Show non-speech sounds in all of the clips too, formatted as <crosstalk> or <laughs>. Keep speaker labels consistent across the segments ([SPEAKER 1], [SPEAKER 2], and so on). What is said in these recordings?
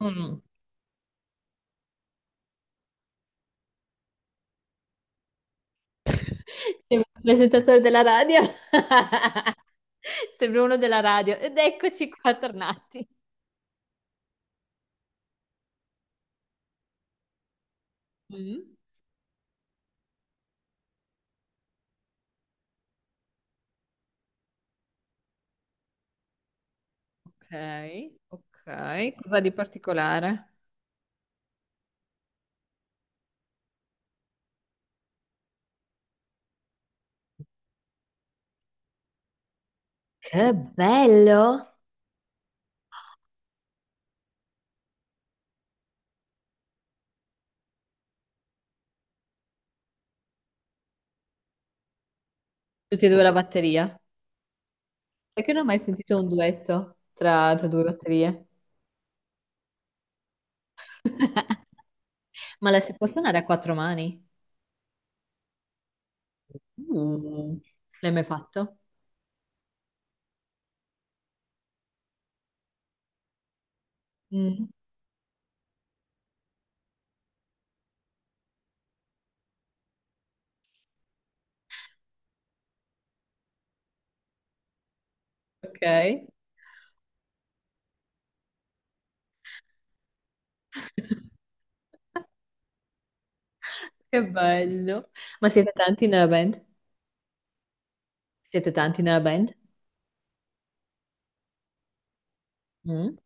[SPEAKER 1] Mm. Sembra il presentatore della radio. <laughs> Sembra uno della radio. Ed eccoci qua tornati. Mm, ok, ok. Cosa di particolare? Che bello! Tutti e due la batteria. Perché non ho mai sentito un duetto tra due batterie? Ma la si può suonare a quattro mani? Uh, l'hai mai fatto? Mm, ok, che bello. Ma siete tanti nella band? Siete tanti nella band? Mm?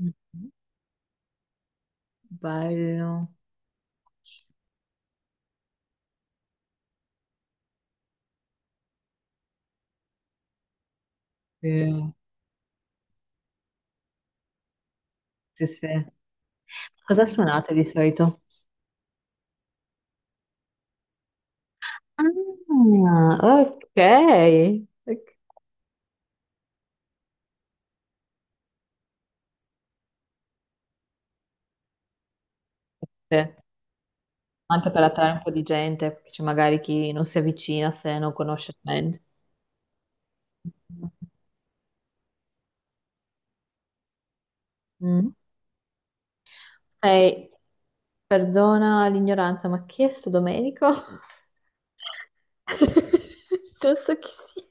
[SPEAKER 1] Mm, bello. Sì. Sì, sì. Cosa suonate di solito? Ah, ok. Ok. Sì, anche per attrarre un po' di gente, che c'è magari chi non si avvicina se non conosce il band. Mm. Ehi, perdona l'ignoranza, ma chi è sto Domenico? <laughs> Non so chi sia.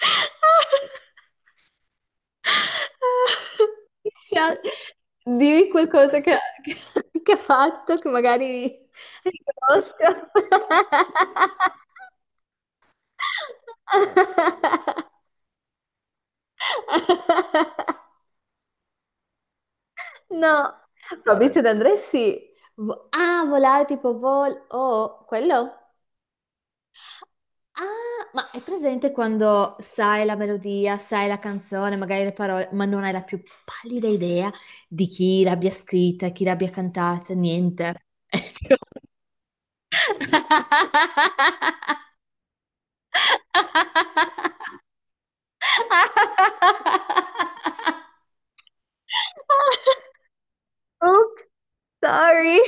[SPEAKER 1] <laughs> Mi spiace. Dimmi qualcosa che ha fatto che magari riconosco. <laughs> No, Fabrizio De André sì. Ah, volare tipo Oh, quello? Ah, ma è presente quando sai la melodia, sai la canzone, magari le parole, ma non hai la più pallida idea di chi l'abbia scritta, chi l'abbia cantata, niente. <laughs> Ecco. Oops, sorry.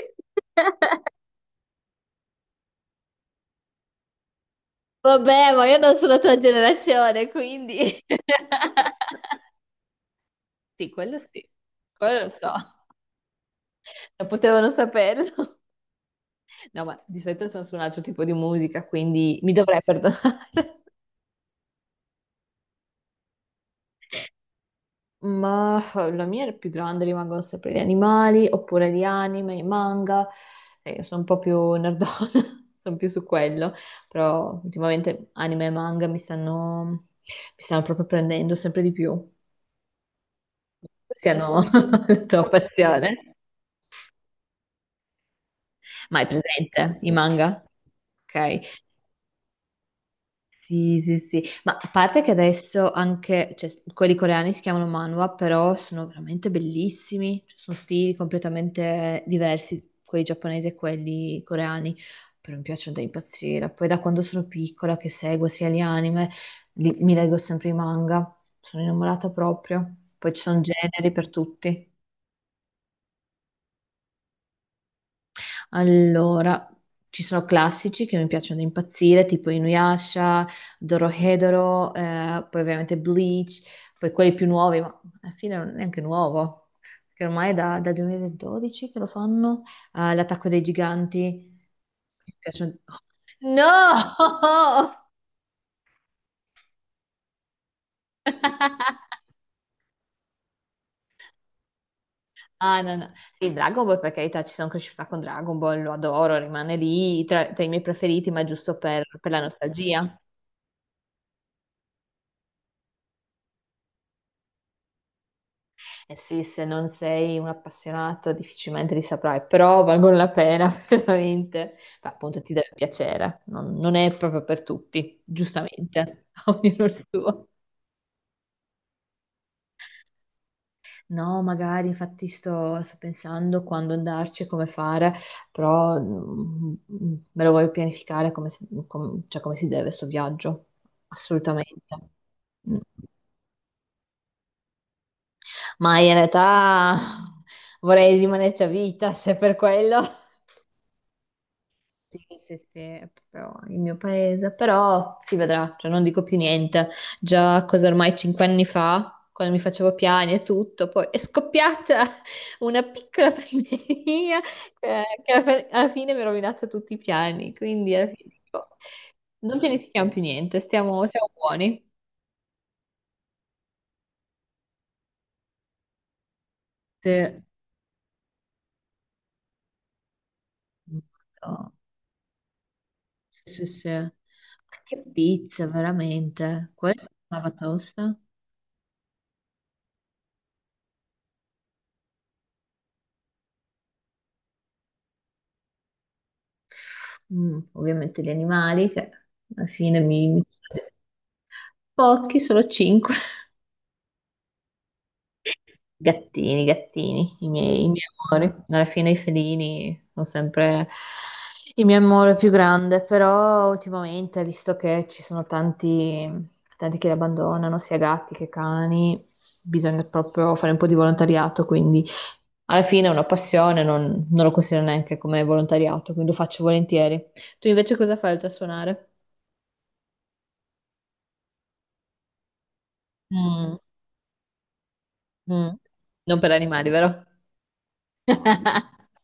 [SPEAKER 1] Vabbè, ma io non sono la tua generazione, quindi... <laughs> sì, quello lo so, lo potevano saperlo. No, ma di solito sono su un altro tipo di musica, quindi mi dovrei perdonare. <laughs> Ma la mia è più grande, rimangono sempre gli animali, oppure gli anime, i manga. Sono un po' più nerdona, <laughs> sono più su quello. Però ultimamente anime e manga mi stanno proprio prendendo sempre di più. Siano <laughs> la tua passione. Ma hai presente i manga? Ok. Sì, sì, sì, ma a parte che adesso anche, cioè, quelli coreani si chiamano manhwa, però sono veramente bellissimi, cioè, sono stili completamente diversi, quelli giapponesi e quelli coreani, però mi piacciono da impazzire. Poi da quando sono piccola che seguo sia gli anime, mi leggo sempre i manga, sono innamorata proprio, poi ci sono generi per tutti. Allora, ci sono classici che mi piacciono da impazzire, tipo Inuyasha, Dorohedoro, poi ovviamente Bleach, poi quelli più nuovi, ma alla fine non è neanche nuovo, perché ormai è dal 2012 che lo fanno, L'attacco dei giganti. Mi piacciono... No! <laughs> Ah, no, no. Il Dragon Ball, per carità, ci sono cresciuta con Dragon Ball, lo adoro, rimane lì tra i miei preferiti, ma è giusto per la nostalgia. Eh sì, se non sei un appassionato difficilmente li saprai, però valgono la pena <laughs> veramente. Beh, appunto ti deve piacere, non è proprio per tutti, giustamente, <laughs> ognuno il suo. No, magari infatti sto pensando quando andarci e come fare, però me lo voglio pianificare come cioè come si deve sto viaggio, assolutamente. Mm. Ma in realtà <laughs> vorrei rimanerci a vita se per quello. Sì, sì, sì, è proprio il mio paese, però si vedrà, cioè non dico più niente. Già, cosa ormai 5 anni fa, quando mi facevo piani e tutto, poi è scoppiata <laughs> una piccola pandemia che alla fine mi ha rovinato tutti i piani, quindi alla fine dico, non pianifichiamo più niente, stiamo, siamo buoni. Sì, no. Sì, sì. Sì. Che pizza, veramente. Quella è la tosta. Mm, ovviamente gli animali, che alla fine pochi, solo cinque. <laughs> Gattini, gattini, i miei amori. Alla fine i felini sono sempre il mio amore più grande, però ultimamente, visto che ci sono tanti, tanti che li abbandonano, sia gatti che cani, bisogna proprio fare un po' di volontariato, quindi alla fine è una passione, non lo considero neanche come volontariato, quindi lo faccio volentieri. Tu invece cosa fai oltre a suonare? Mm. Mm. Non per animali, vero? <laughs>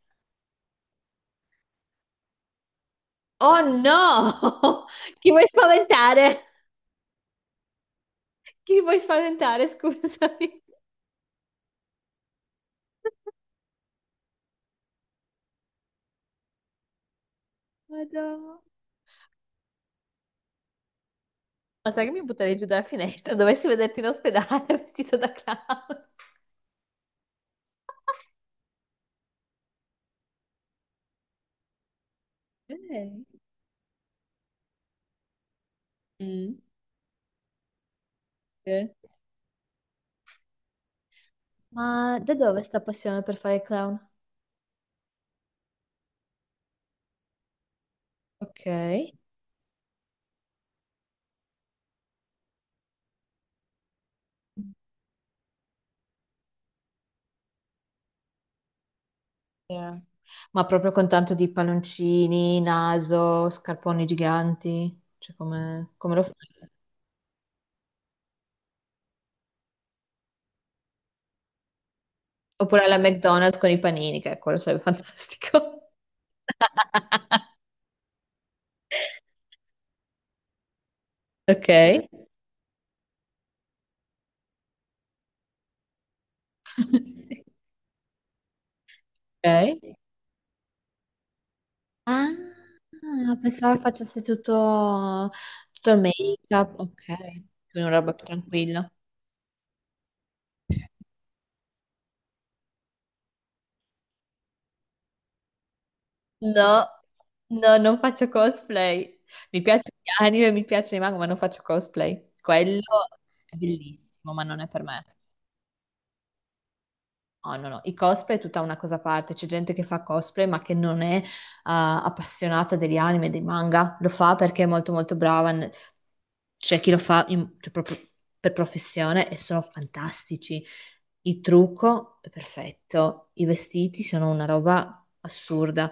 [SPEAKER 1] Oh no! <laughs> Chi vuoi spaventare? Chi vuoi spaventare? Scusami. Madonna. Ma sai che mi butterei giù dalla finestra? Dovessi vederti in ospedale <laughs> vestito da clown. Ok. Mm, sì. Ma da dove sta passione per fare il clown? Ok. Yeah. Ma proprio con tanto di palloncini, naso, scarponi giganti. Cioè, come, come lo fai? Oppure alla McDonald's con i panini, che quello sarebbe fantastico. <laughs> Ok. <laughs> Ok. Ah, pensavo facesse tutto, tutto il make-up. Ok, quindi una roba più tranquilla. No, no, non faccio cosplay. Mi piace gli anime, mi piace i manga, ma non faccio cosplay. Quello è bellissimo, ma non è per me. No, no, no, i cosplay è tutta una cosa a parte, c'è gente che fa cosplay ma che non è appassionata degli anime, dei manga, lo fa perché è molto molto brava, c'è chi lo fa cioè, proprio per professione e sono fantastici, il trucco è perfetto, i vestiti sono una roba assurda,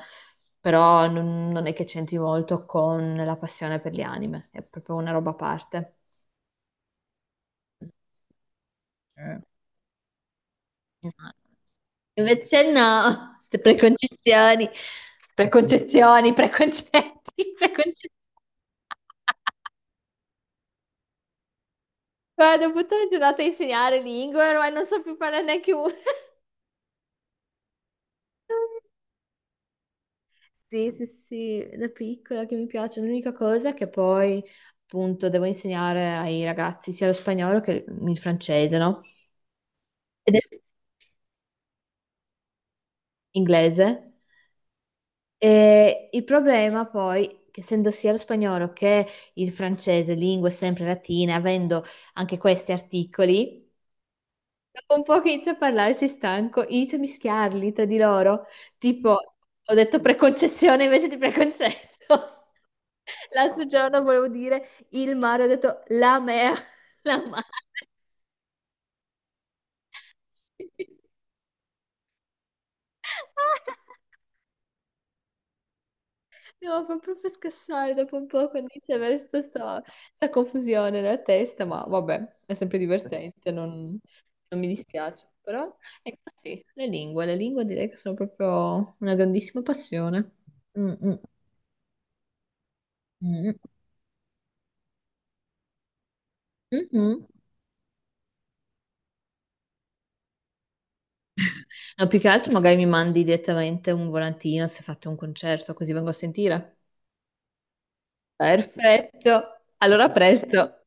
[SPEAKER 1] però non è che c'entri molto con la passione per gli anime, è proprio una roba a parte. Eh. Invece no, queste preconcezioni, preconcezioni, preconcetti, <laughs> preconcezioni. Guarda, ho buttato la giornata a insegnare lingue, ormai non so più parlare neanche una. <laughs> Sì, sì, sì, da piccola che mi piace. L'unica cosa è che poi, appunto, devo insegnare ai ragazzi sia lo spagnolo che il francese, no? Ed è inglese. E il problema poi, che essendo sia lo spagnolo che il francese, lingue sempre latine, avendo anche questi articoli, dopo un po' che inizio a parlare, si stanco, inizio a mischiarli tra di loro. Tipo, ho detto preconcezione invece di preconcetto. <laughs> L'altro giorno volevo dire il mare, ho detto la mea, <laughs> la mare. <laughs> No, fa proprio scassare dopo un po' quando inizia ad avere tutta sta confusione nella testa, ma vabbè, è sempre divertente, non mi dispiace. Però, ecco sì, le lingue direi che sono proprio una grandissima passione. Mm, mm, mm, mm, mm. <laughs> No, più che altro magari mi mandi direttamente un volantino se fate un concerto, così vengo a sentire. Perfetto, allora a presto.